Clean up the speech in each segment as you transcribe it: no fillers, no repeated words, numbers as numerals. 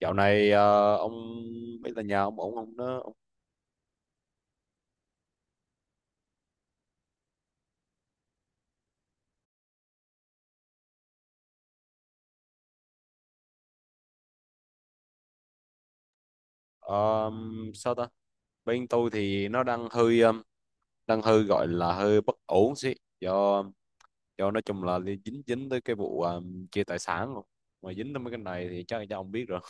Dạo này ông biết là nhà ông ổn không đó ông? Ờ, sao ta Bên tôi thì nó đang đang hơi gọi là hơi bất ổn xí do nói chung là dính dính tới cái chia tài sản rồi, mà dính tới mấy cái này thì chắc là ông biết rồi.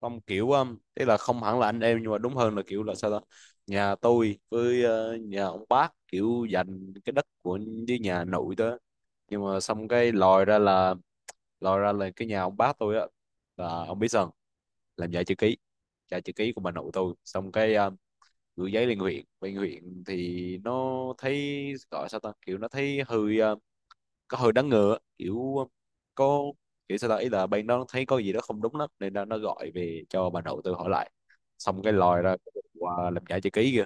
Không kiểu tức là không hẳn là anh em, nhưng mà đúng hơn là kiểu là sao ta nhà tôi nhà ông bác kiểu dành cái đất của, với nhà nội đó. Nhưng mà xong cái lòi ra là cái nhà ông bác tôi á, là ông biết sao, làm giả chữ ký, giả chữ ký của bà nội tôi, xong gửi giấy lên huyện, bên huyện thì nó thấy, gọi sao ta kiểu nó thấy có hơi đáng ngờ á, có kiểu sao ta ý là bên đó thấy có gì đó không đúng lắm nên nó gọi về cho bà nội tôi hỏi lại, xong cái lòi ra cái quả làm giả chữ ký kìa.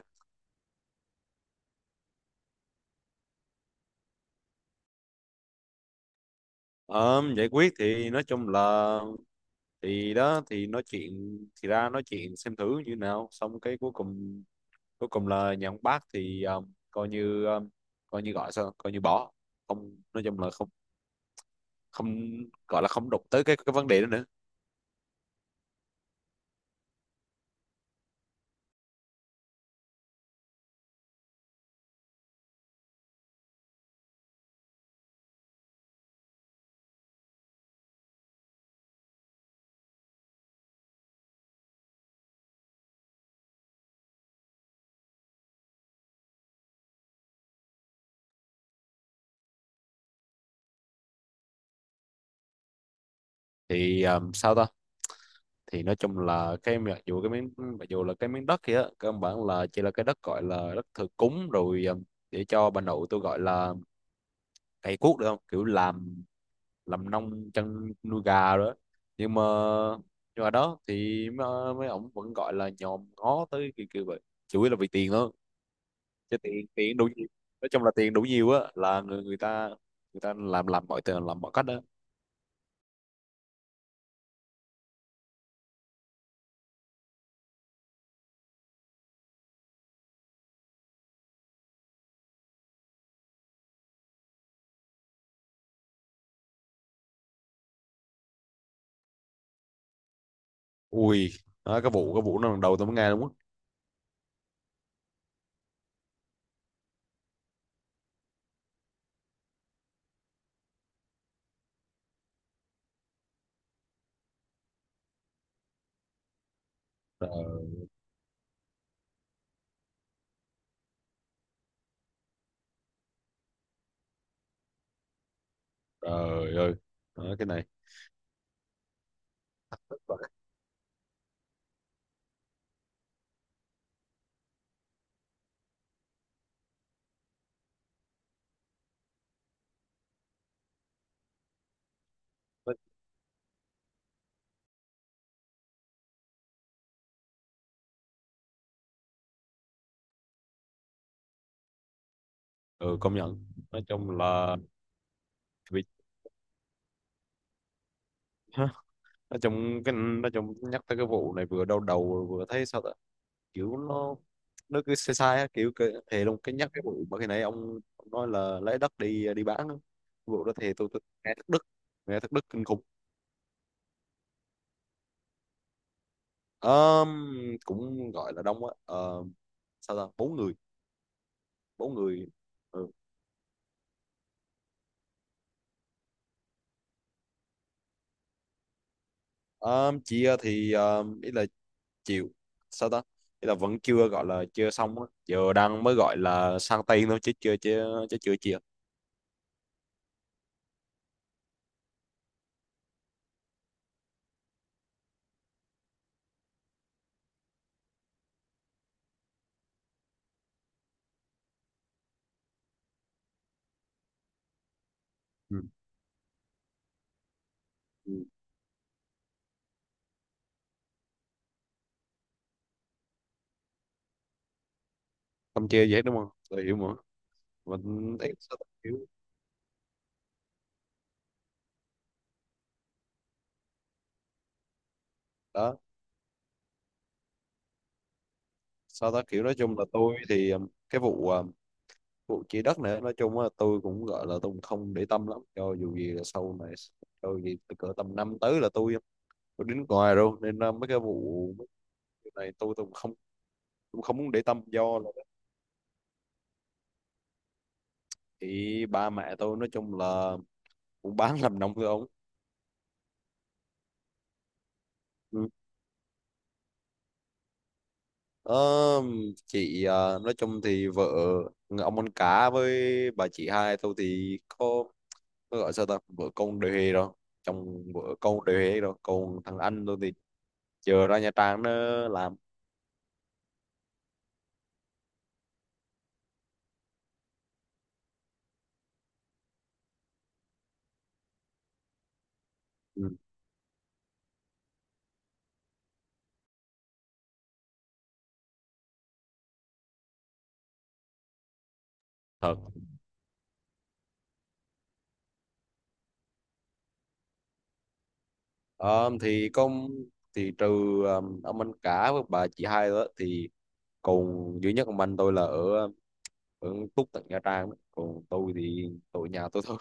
Ờ, giải quyết thì nói chung là thì đó thì nói chuyện thì ra nói chuyện xem thử như nào, xong cái cuối cùng, cuối cùng là nhà ông bác thì coi như gọi sao coi như bỏ, không nói chung là không, không gọi là không đụng tới cái vấn đề đó nữa. Thì sao ta thì nói chung là cái mặc dù cái miếng, mặc dù là cái miếng đất kia á, cơ bản là chỉ là cái đất gọi là đất thờ cúng rồi để cho bà nội tôi gọi là cày cuốc được, không kiểu làm nông chăn nuôi gà rồi đó. Nhưng mà, nhưng mà đó thì mấy ổng vẫn gọi là nhòm ngó tới kiểu vậy, chủ yếu là vì tiền thôi, chứ tiền tiền đủ nhiều, nói chung là tiền đủ nhiều á là người ta, người ta làm mọi tiền, làm mọi cách đó. Ui, đó, cái vụ nó lần đầu tôi mới nghe luôn á. Trời, trời ơi, đó, cái này ừ công nhận, nói chung là. Vì, hả? Nói chung cái nói chung nhắc tới cái vụ này vừa đau đầu vừa thấy sao ta kiểu nó cứ sai sai á, kiểu cái, thề luôn cái nhắc cái vụ mà khi nãy ông nói là lấy đất đi đi bán á. Cái vụ đó thì tôi nghe thất đức, nghe thất đức kinh khủng. Ờm, cũng gọi là đông á. Sao ta bốn người. Bốn người. Ừ. Thì ý là chịu, sao ta ý là vẫn chưa gọi là chưa xong á, giờ đang mới gọi là sang tay thôi, chứ chưa chưa chứ chưa chia. Ừ. Ừ. Không chia gì hết đúng không, tôi hiểu mà. Mình ấy, sao ta kiểu. Đó, sao ta kiểu nói chung là tôi thì cái vụ vụ chia đất này nói chung là tôi cũng gọi là tôi cũng không để tâm lắm, cho dù gì là sau này, cho dù gì từ cỡ tầm năm tới là tôi đến ngoài luôn, nên là mấy cái vụ mấy cái này tôi cũng không, tôi không muốn để tâm do là. Thì ba mẹ tôi nói chung là cũng bán làm nông thôi ông. Ừ. Ờ, chị à, nói chung thì vợ người ông ăn cá với bà chị hai tôi thì có gọi sao ta vợ con đều hề rồi, chồng vợ con đều hề rồi, còn thằng anh tôi thì chờ ra Nha Trang nó làm. Ừ. Thật. Ờ, thì trừ ông anh cả với bà chị hai đó thì còn duy nhất ông anh tôi là ở ở Túc tận Nha Trang đó. Còn tôi thì tôi ở nhà tôi thôi.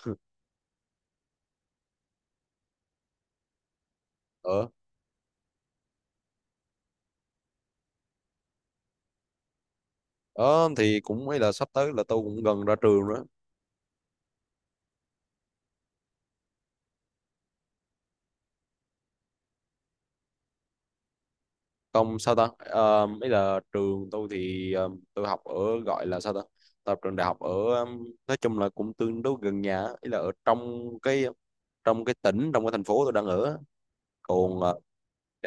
Ở, ở thì cũng ấy là sắp tới là tôi cũng gần ra trường nữa. Không sao ta ờ, ấy là trường tôi tôi học ở gọi là sao ta tập trường đại học nói chung là cũng tương đối gần nhà, ấy là ở trong cái, trong cái tỉnh, trong cái thành phố tôi đang ở á. còn ờ,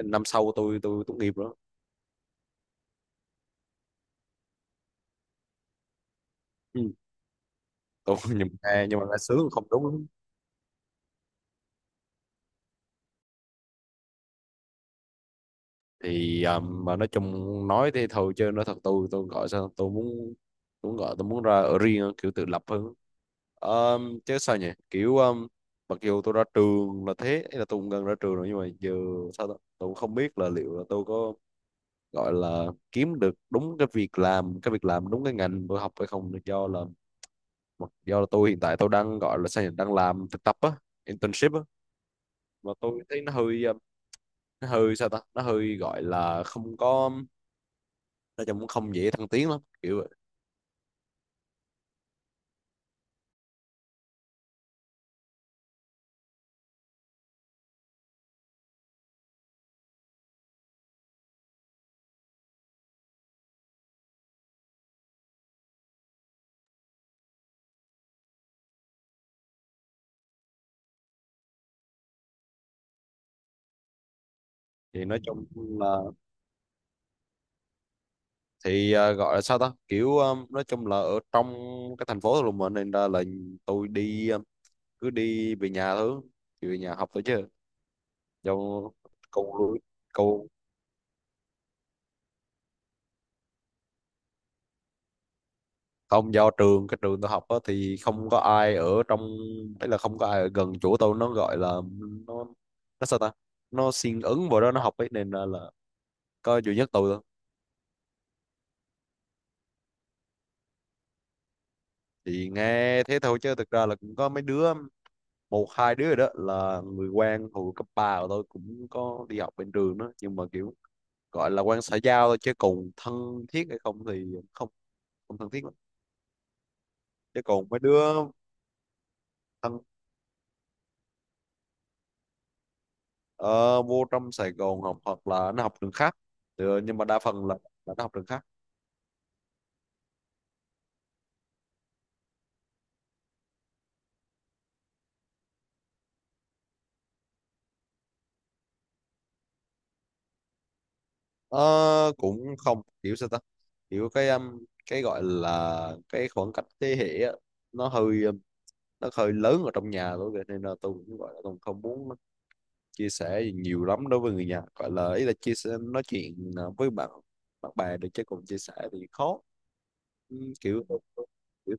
năm sau tôi tốt nghiệp nữa. Ừ. Tôi nhưng mà nghe sướng không đúng. Thì à, mà nói chung nói thế thôi chứ nói thật tôi gọi sao tôi muốn, tôi muốn gọi tôi muốn ra ở riêng á, kiểu tự lập hơn. Chứ sao nhỉ kiểu mặc dù tôi ra trường là thế, ý là tôi cũng gần ra trường rồi, nhưng mà giờ sao ta? Tôi cũng không biết là liệu là tôi có gọi là kiếm được đúng cái việc làm đúng cái ngành tôi học hay không được do là, mặc do là tôi hiện tại tôi đang gọi là sao nhỉ đang làm thực tập á, internship á, mà tôi thấy nó hơi sao ta nó hơi gọi là không có, nói chung cũng không dễ thăng tiến lắm kiểu vậy. Thì nói chung là thì à, gọi là sao ta kiểu à, nói chung là ở trong cái thành phố của mình nên là tôi cứ đi về nhà thôi, về nhà học thôi chứ do câu lối câu. Không, do trường trường tôi học á, thì không có ai ở trong, đấy là không có ai ở gần chỗ tôi, nó gọi là nó nó sao ta, nó siêng ứng vào đó nó học ấy, nên là có duy nhất tôi thôi. Thì nghe thế thôi chứ thực ra là cũng có mấy đứa, một hai đứa rồi đó là người quen hồi cấp ba của tôi cũng có đi học bên trường đó, nhưng mà kiểu gọi là quen xã giao thôi, chứ còn thân thiết hay không thì không, không thân thiết lắm. Chứ còn mấy đứa thân, ờ, vô trong Sài Gòn học hoặc là nó học trường khác, thì ờ, nhưng mà đa phần là nó học trường khác. Ờ, cũng không kiểu sao ta kiểu cái gọi là cái khoảng cách thế hệ á, nó hơi um, nó hơi lớn ở trong nhà tôi kìa, nên là tôi cũng gọi là tôi không muốn chia sẻ nhiều lắm đối với người nhà, gọi là ý là chia sẻ nói chuyện với bạn bạn bè được, chứ còn chia sẻ thì khó. Ừ, kiểu, kiểu,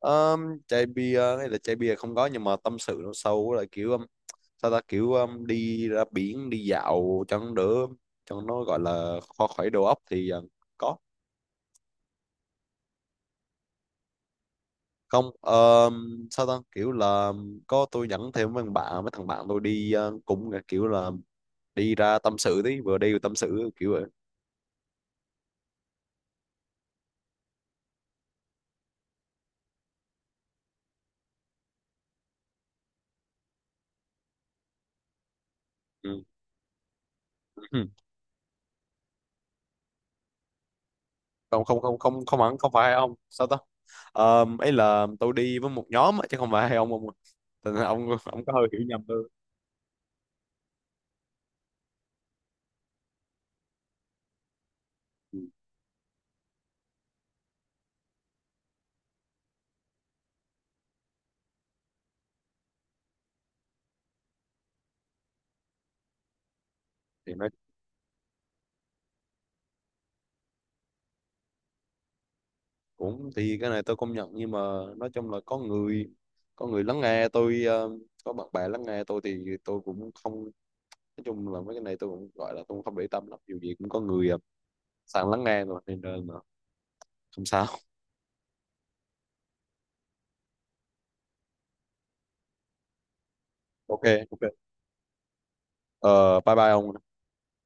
um, chai bia hay là chai bia không có, nhưng mà tâm sự nó sâu là kiểu sao ta kiểu đi ra biển đi dạo cho nó đỡ, cho nó gọi là kho khỏi đầu óc thì có. Không sao ta kiểu là có tôi dẫn thêm mấy thằng bạn tôi đi, cũng là kiểu là đi ra tâm sự tí, vừa đi vừa tâm sự kiểu vậy. Ừ. không không không không không hẳn không phải hai ông sao ta. Ờ, ấy là tôi đi với một nhóm á, chứ không phải hai ông ạ. Thành ra ông ông có hơi hiểu nhầm tôi. Ừ. thì nói cũng thì cái này tôi công nhận, nhưng mà nói chung là có người, có người lắng nghe tôi ờ, có bạn bè lắng nghe tôi thì tôi cũng không, nói chung là mấy cái này tôi cũng gọi là tôi cũng không để tâm lắm, dù gì cũng có người sẵn lắng nghe rồi, nên là không sao. Ok, ok, ờ, bye bye ông.